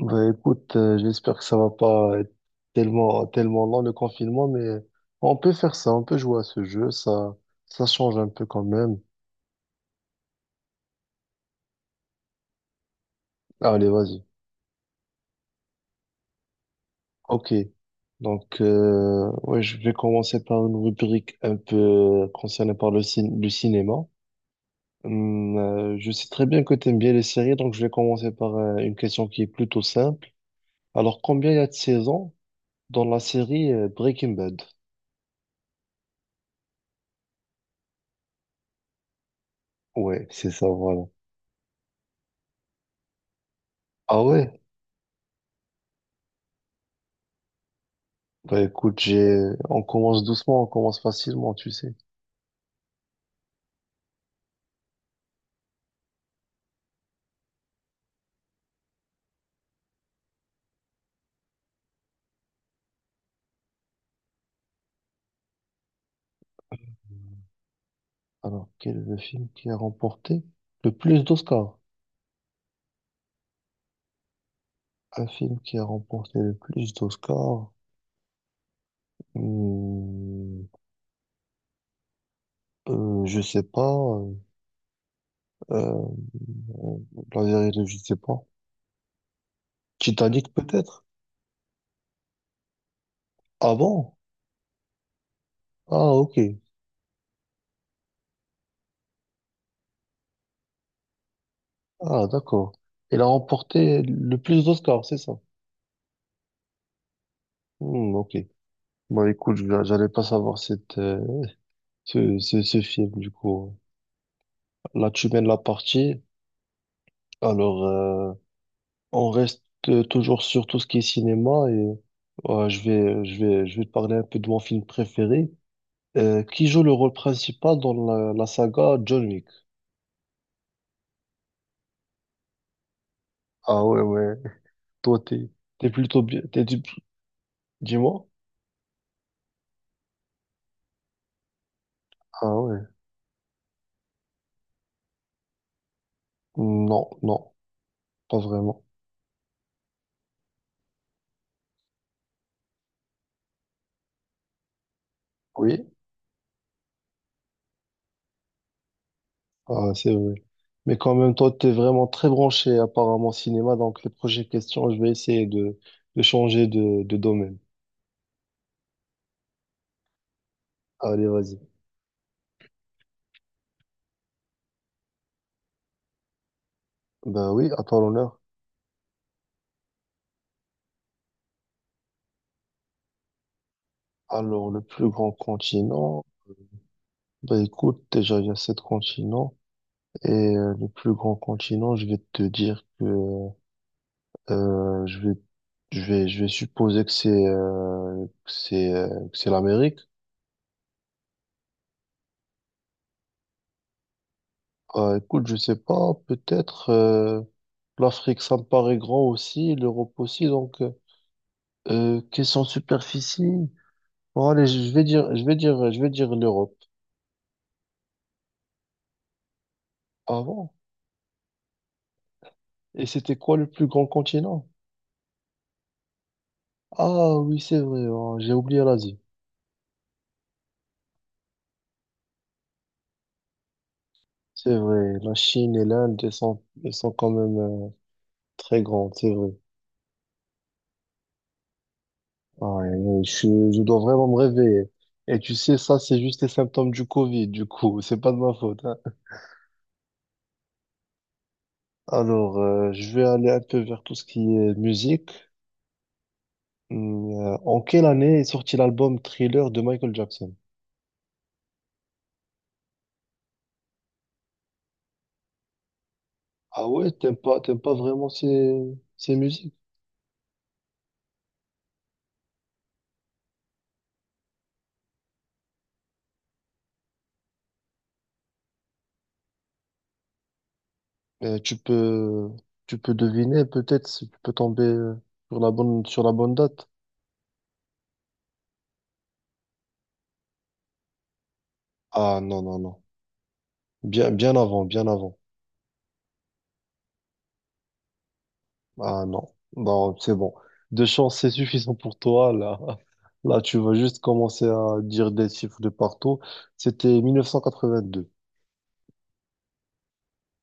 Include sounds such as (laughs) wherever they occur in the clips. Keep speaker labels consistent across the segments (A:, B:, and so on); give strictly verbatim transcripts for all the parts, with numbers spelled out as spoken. A: Bah écoute, euh, j'espère que ça va pas être tellement, tellement long le confinement, mais on peut faire ça, on peut jouer à ce jeu, ça, ça change un peu quand même. Allez, vas-y. Ok. Donc, euh, ouais, je vais commencer par une rubrique un peu euh, concernée par le, cin- le cinéma. Hum, euh, je sais très bien que tu aimes bien les séries, donc je vais commencer par euh, une question qui est plutôt simple. Alors, combien y a de saisons dans la série euh, Breaking Bad? Ouais, c'est ça, voilà. Ah ouais? Bah écoute, j'ai... on commence doucement, on commence facilement, tu sais. Alors, quel est le film qui a remporté le plus d'Oscars? Un film qui a remporté le plus d'Oscars? Hmm, euh, je sais pas. euh, euh, la vérité, je sais pas. Titanic peut-être? Ah bon? Ah ok. Ah d'accord. Il a remporté le plus d'Oscars, c'est ça? Hmm, ok. Bah écoute, je- j'allais pas savoir cette, euh, ce, ce, ce film du coup. Là, tu mènes la partie. Alors, euh, on reste euh, toujours sur tout ce qui est cinéma et euh, je vais, je vais, je vais te parler un peu de mon film préféré. Euh, qui joue le rôle principal dans la, la saga John Wick? Ah ouais, ouais. Toi, t'es, t'es plutôt bien. T'es, du- dis-moi. Ah ouais. Non, non, pas vraiment. Oui. Ah, c'est vrai. Mais quand même, toi, t'es vraiment très branché apparemment cinéma, donc les prochaines questions, je vais essayer de, de changer de, de domaine. Allez, vas-y. Ben oui, à toi l'honneur. Alors, le plus grand continent, bah écoute, déjà il y a sept continents et euh, le plus grand continent, je vais te dire que euh, je vais je vais je vais supposer que c'est euh, que c'est euh, que c'est l'Amérique. Bah écoute, je sais pas, peut-être euh, l'Afrique ça me paraît grand aussi, l'Europe aussi, donc euh, question de superficie. Bon allez, je vais dire je vais dire je vais dire l'Europe avant. Et c'était quoi le plus grand continent? Ah oui, c'est vrai, oh, j'ai oublié l'Asie. C'est vrai, la Chine et l'Inde, elles sont, elles sont quand même euh, très grandes, c'est vrai. Ah, et je, je dois vraiment me réveiller. Et tu sais, ça, c'est juste les symptômes du Covid, du coup, (laughs) c'est pas de ma faute, hein. Alors, euh, je vais aller un peu vers tout ce qui est musique. Hum, euh, en quelle année est sorti l'album Thriller de Michael Jackson? Ah ouais, t'aimes pas, t'aimes pas vraiment ces, ces musiques. Euh, tu peux, Tu peux deviner, peut-être, si tu peux tomber euh, sur la bonne, sur la bonne date. Ah non, non, non. Bien, bien avant, bien avant. Ah non, non, c'est bon. Deux chances, c'est suffisant pour toi. Là, (laughs) là, tu vas juste commencer à dire des chiffres de partout. C'était mille neuf cent quatre-vingt-deux.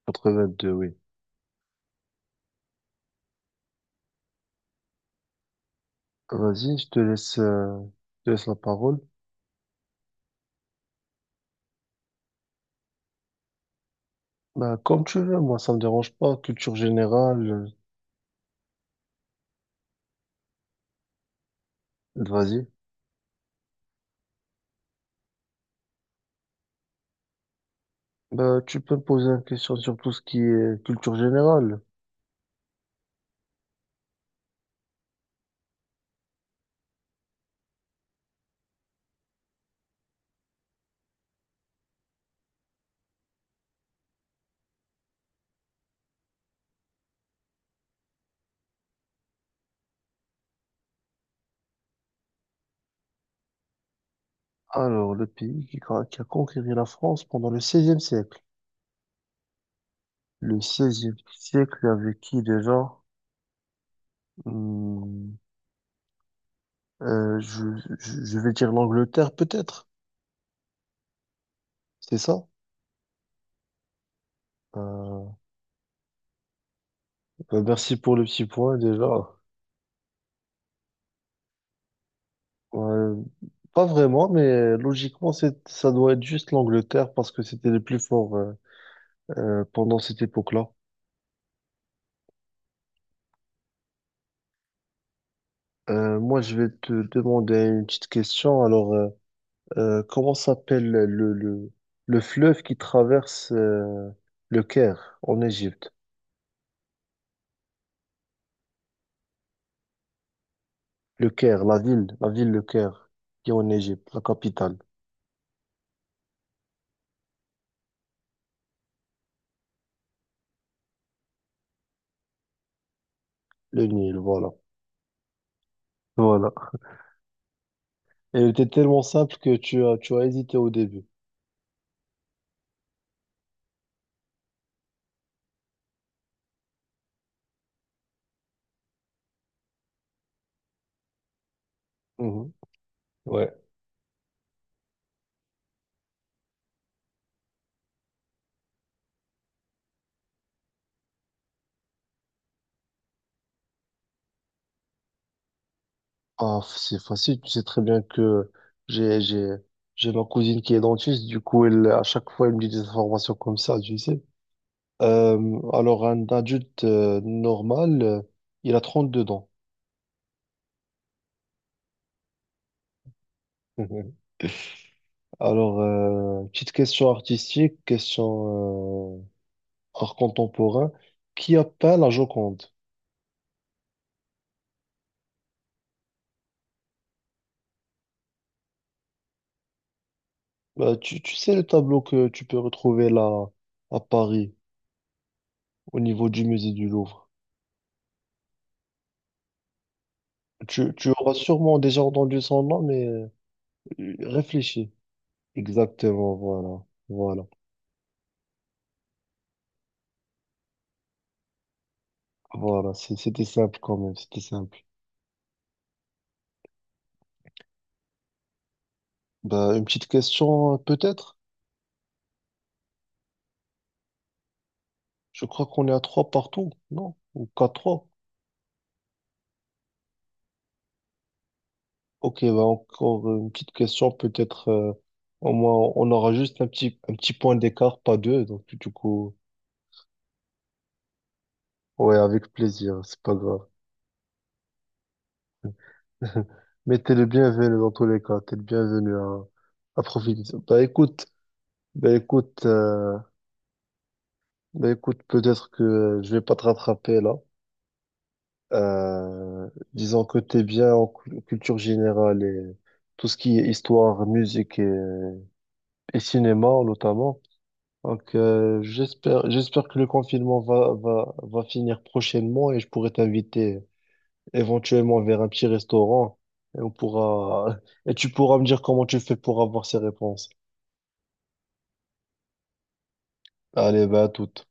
A: quatre-vingt-deux, oui. Vas-y, je te laisse, euh, je te laisse la parole. Bah, comme tu veux, moi, ça me dérange pas. Culture générale, euh, vas-y. Bah, tu peux me poser une question sur tout ce qui est culture générale. Alors, le pays qui, a- qui a conquéri la France pendant le seizième siècle. Le seizième siècle, avec qui déjà? Hmm, euh, je, je- je vais dire l'Angleterre, peut-être. C'est ça? Euh, bah, merci pour le petit point déjà. Ouais, pas vraiment, mais logiquement, c'est, ça doit être juste l'Angleterre parce que c'était les plus forts euh, euh, pendant cette époque-là. Euh, moi, je vais te demander une petite question. Alors, euh, euh, comment s'appelle le, le, le fleuve qui traverse euh, le Caire en Égypte? Le Caire, la ville, la ville Le Caire qui est en Égypte, la capitale, le Nil, voilà. Voilà. Et elle était tellement simple que tu as, tu as hésité au début. Mhm. Ouais. Ah, f- c'est facile, tu sais très bien que j'ai, j'ai, j'ai ma cousine qui est dentiste, du coup, elle, à chaque fois, elle me dit des informations comme ça, tu sais. Euh, alors, un adulte euh, normal, euh, il a trente deux dents. Mhm. (laughs) Alors, euh, petite question artistique, question euh, art contemporain. Qui a peint la Joconde? Bah, tu, tu sais le tableau que tu peux retrouver là à Paris, au niveau du musée du Louvre. Tu, tu auras sûrement déjà entendu son nom, mais euh, réfléchis. Exactement, voilà. Voilà. Voilà. C'est- C'était simple quand même. C'était simple. Bah, une petite question, euh, peut-être? Je crois qu'on est à trois partout, non? Ou quatre trois? Ok, bah encore une petite question, peut-être. Euh, au moins, on aura juste un petit, un petit point d'écart, pas deux. Donc, du coup, ouais, avec plaisir. C'est pas grave. (laughs) Mais t'es le bienvenu dans tous les cas. T'es le bienvenu à, à profiter. Bah, écoute. Ben écoute, euh, ben écoute, peut-être que euh, je vais pas te rattraper là. Euh, disons que t'es bien en cu- culture générale et tout ce qui est histoire, musique et, et cinéma notamment. Donc euh, j'espère, j'espère que le confinement va, va, va finir prochainement et je pourrai t'inviter éventuellement vers un petit restaurant et on pourra (laughs) et tu pourras me dire comment tu fais pour avoir ces réponses. Allez, ben à toute.